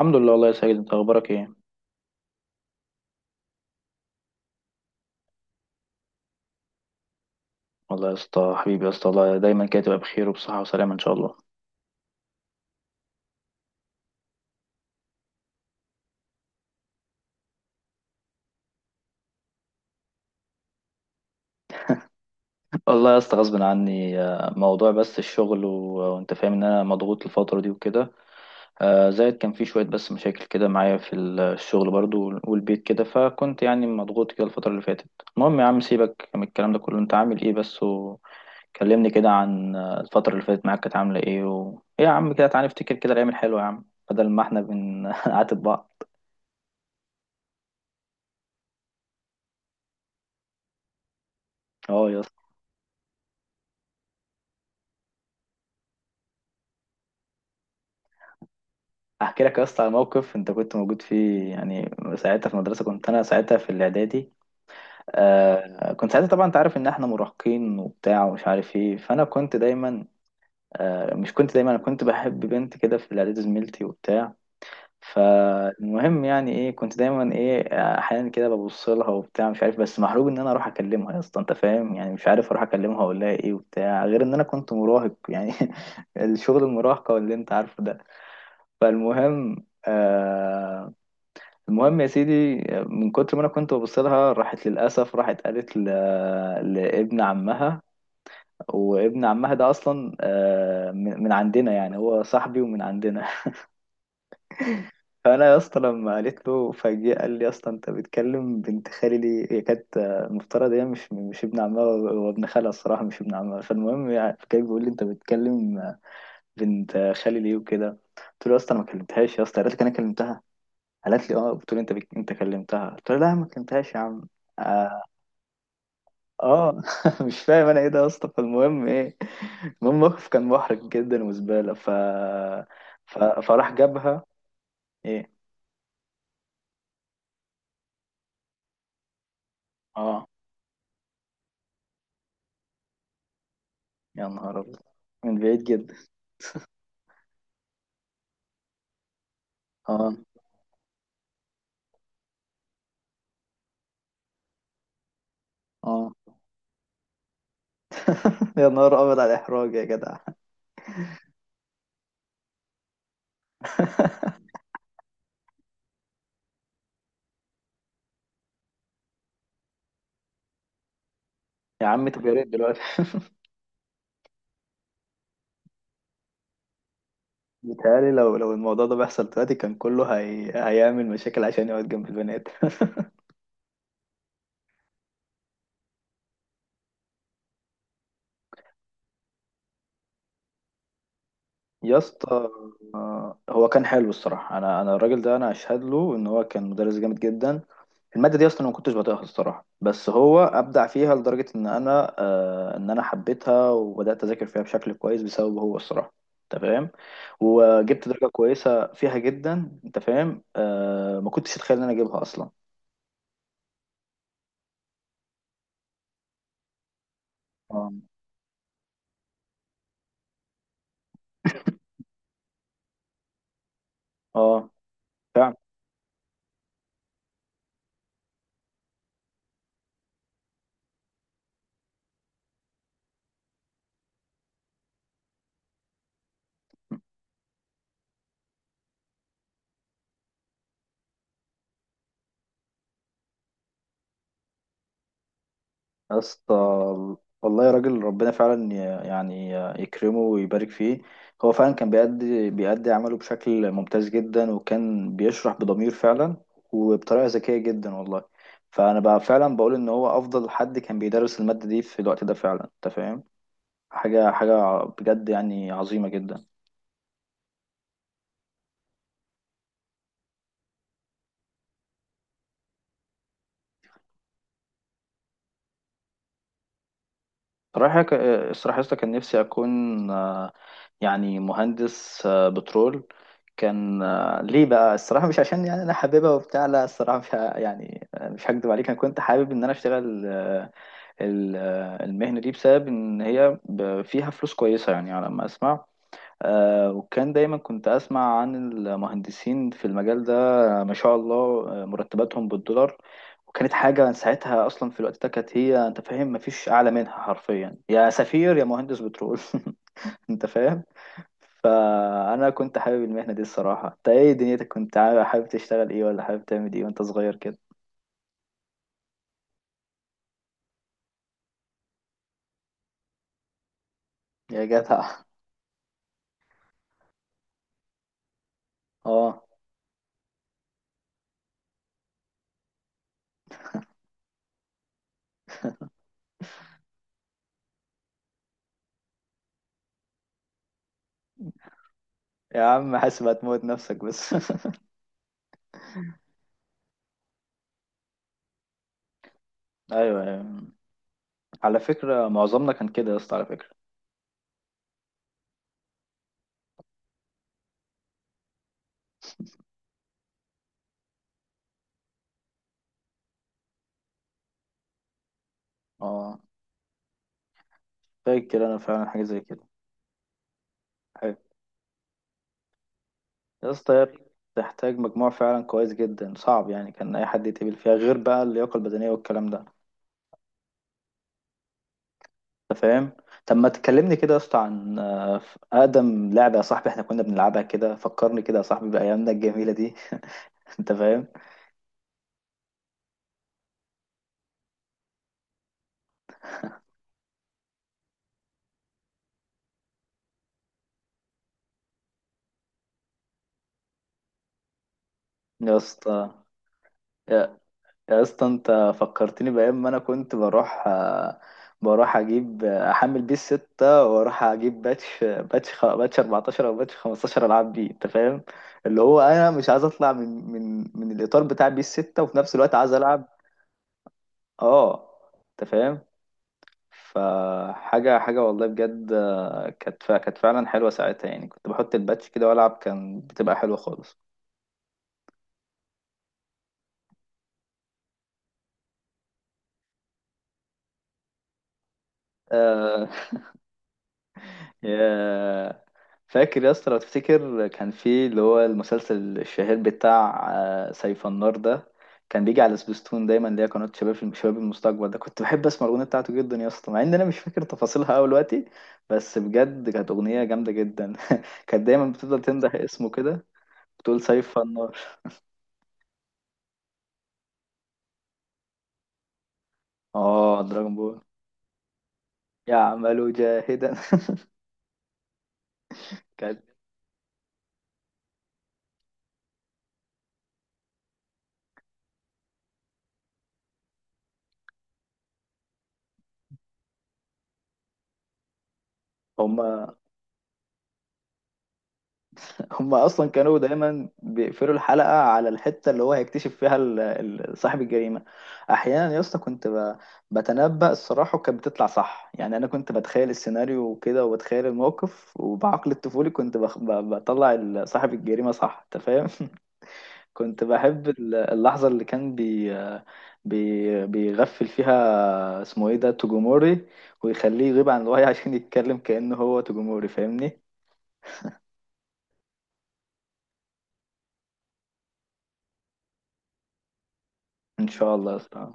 الحمد لله والله يا سيد، انت اخبارك ايه؟ والله يا اسطى، حبيبي يا اسطى، والله دايما كده تبقى بخير وبصحه وسلامه ان شاء الله. والله يا اسطى غصب عني، موضوع بس الشغل وانت فاهم ان انا مضغوط الفتره دي وكده. زائد كان في شويه بس مشاكل كده معايا في الشغل برضو والبيت كده، فكنت يعني مضغوط كده الفتره اللي فاتت. المهم يا عم، سيبك من الكلام ده كله، انت عامل ايه بس؟ وكلمني كده عن الفتره اللي فاتت معاك، كانت عامله ايه ايه يا عم؟ كده تعالى نفتكر كده الايام الحلوه يا عم، بدل ما احنا بنعاتب بعض. اه يا اسطى. احكي لك يا اسطى على موقف انت كنت موجود فيه يعني. ساعتها في المدرسه، كنت انا ساعتها في الاعدادي. كنت ساعتها طبعا انت عارف ان احنا مراهقين وبتاع ومش عارف ايه، فانا كنت دايما، آه مش كنت دايما انا كنت بحب بنت كده في الاعدادي، زميلتي وبتاع. فالمهم يعني ايه، كنت دايما ايه، احيانا كده ببص لها وبتاع، مش عارف، بس محروق ان انا اروح اكلمها. يا اسطى انت فاهم يعني، مش عارف اروح اكلمها اقول لها ايه وبتاع، غير ان انا كنت مراهق يعني. الشغل المراهقه واللي انت عارفه ده. فالمهم. المهم يا سيدي، من كتر ما انا كنت ببص لها راحت، للاسف راحت قالت لابن عمها. وابن عمها ده اصلا من عندنا، يعني هو صاحبي ومن عندنا. فانا يا اسطى لما قالت له، فجأة قال لي: يا اسطى، انت بتكلم بنت خالي ليه؟ هي كانت، المفترض، هي مش ابن عمها، هو ابن خالها الصراحه، مش ابن عمها. فالمهم، يعني كان بيقول لي: انت بتكلم بنت خالي ليه وكده. قلت له: يا اسطى انا ما كلمتهاش. يا اسطى قالت لك انا كلمتها؟ قالت لي: اه، بتقول انت انت كلمتها. قلت لها: لا ما كلمتهاش يا عم. اه. آه. مش فاهم انا ايه ده يا اسطى. فالمهم ايه، المهم الموقف كان محرج جدا وزباله، فراح جابها. ايه. اه يا نهار ابيض. من بعيد جدا. اه. اه. يا نهار ابيض على الاحراج يا جدع! يا عم طب يا ريت دلوقتي. بيتهيألي لو الموضوع ده بيحصل دلوقتي، كان كله هيعمل مشاكل عشان يقعد جنب البنات. يا اسطى، هو كان حلو الصراحه، انا الراجل ده انا اشهد له ان هو كان مدرس جامد جدا. الماده دي اصلا أنا ما كنتش بطيقها الصراحه، بس هو ابدع فيها لدرجه ان انا، ان انا حبيتها وبدات اذاكر فيها بشكل كويس بسببه هو الصراحه، انت فاهم. وجبت درجه كويسه فيها جدا، انت فاهم. ما كنتش اتخيل ان انا اجيبها اصلا. اه. اه فعلا يا اسطى. والله يا راجل ربنا فعلا يعني يكرمه ويبارك فيه. هو فعلا كان بيأدي عمله بشكل ممتاز جدا، وكان بيشرح بضمير فعلا، وبطريقة ذكية جدا والله. فأنا بقى فعلا بقول إن هو أفضل حد كان بيدرس المادة دي في الوقت ده فعلا، أنت فاهم، حاجة حاجة بجد يعني عظيمة جدا. صراحة ك- الصراحة يا اسطى كان نفسي أكون يعني مهندس بترول. كان، ليه بقى؟ الصراحة مش عشان يعني أنا حاببها وبتاع، لا، الصراحة مش يعني، مش هكدب عليك، أنا كنت حابب إن أنا أشتغل، المهنة دي، بسبب إن هي فيها فلوس كويسة يعني، على ما أسمع. وكان دايما كنت أسمع عن المهندسين في المجال ده، ما شاء الله، مرتباتهم بالدولار، وكانت حاجة ساعتها أصلا. في الوقت ده كانت، هي، أنت فاهم، مفيش أعلى منها حرفيا، يا سفير يا مهندس بترول! أنت فاهم. فانا كنت حابب المهنه دي الصراحه. انت ايه دنيتك، كنت حابب تشتغل ايه، ولا حابب تعمل ايه وانت صغير كده؟ يا جدع. اه يا عم حاسب هتموت نفسك بس. ايوه، أيوة. على فكره معظمنا كان كده يا اسطى، على فكره. اه، فاكر انا فعلا حاجه زي كده. حلو. يا اسطى هي بتحتاج مجموع فعلا كويس جدا، صعب يعني كان اي حد يتقبل فيها، غير بقى اللياقه البدنيه والكلام ده، انت فاهم. طب ما تكلمني كده يا اسطى عن اقدم لعبه يا صاحبي احنا كنا بنلعبها، كده فكرني كده يا صاحبي بايامنا الجميله دي. انت فاهم. يا اسطى يا يا اسطى انت فكرتني بايام ما انا كنت بروح اجيب آه، احمل بيه الستة، واروح اجيب باتش 14 او باتش 15، العاب بيه، انت فاهم. اللي هو انا مش عايز اطلع من الاطار بتاع بيه الستة، وفي نفس الوقت عايز العب. اه، انت فاهم. فحاجة حاجة والله بجد، كانت فعلا حلوة ساعتها يعني، كنت بحط الباتش كده وألعب، كان بتبقى حلوة خالص. آه، يا فاكر يا اسطى؟ لو تفتكر كان في اللي هو المسلسل الشهير بتاع سيف النار ده، كان بيجي على سبيستون دايما، اللي هي قناة شباب المستقبل ده. كنت بحب اسمع الأغنية بتاعته جدا يا اسطى، مع ان انا مش فاكر تفاصيلها قوي دلوقتي، بس بجد كانت أغنية جامدة جدا. كانت دايما بتفضل تنده اسمه كده، بتقول: سيف النار. اه، دراجون بول. يعمل جاهدا. كان هما هما اصلا كانوا دايما بيقفلوا الحلقه على الحته اللي هو هيكتشف فيها صاحب الجريمه. احيانا يا اسطى كنت بتنبأ الصراحه، وكانت بتطلع صح. يعني انا كنت بتخيل السيناريو وكده، وبتخيل الموقف، وبعقل الطفولي كنت بطلع صاحب الجريمه صح، انت فاهم. كنت بحب اللحظة اللي كان بي بي بيغفل فيها، اسمه ايه ده، توجوموري، ويخليه يغيب عن الوعي. عشان يتكلم كأنه هو توجوموري، فاهمني. ان شاء الله يا اسطى.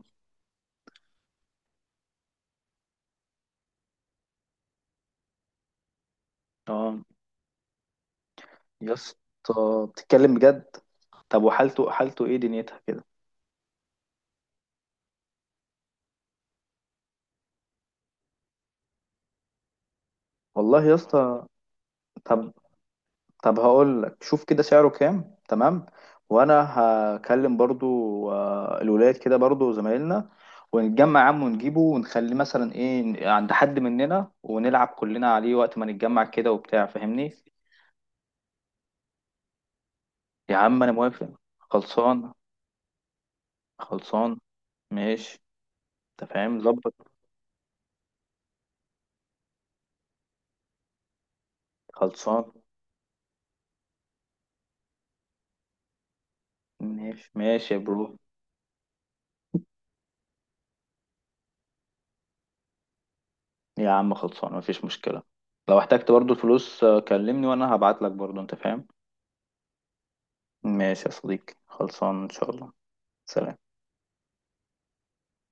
اه يا اسطى، بتتكلم بجد؟ طب، وحالته، حالته ايه دنيتها كده؟ والله يا اسطى. طب طب هقول لك، شوف كده سعره كام، تمام؟ وانا هكلم برضو الولاد كده، برضو زمايلنا، ونتجمع يا عم ونجيبه، ونخليه مثلا ايه عند حد مننا، ونلعب كلنا عليه وقت ما نتجمع كده وبتاع، فاهمني. يا عم انا موافق. خلصان. خلصان. ماشي. انت فاهم، ظبط. خلصان. ماشي. ماشي يا برو. يا عم خلصان، مفيش مشكلة. لو احتجت برضو الفلوس، كلمني وانا هبعت لك برضو، انت فاهم. ماشي يا صديقي، خلصان ان شاء الله. سلام.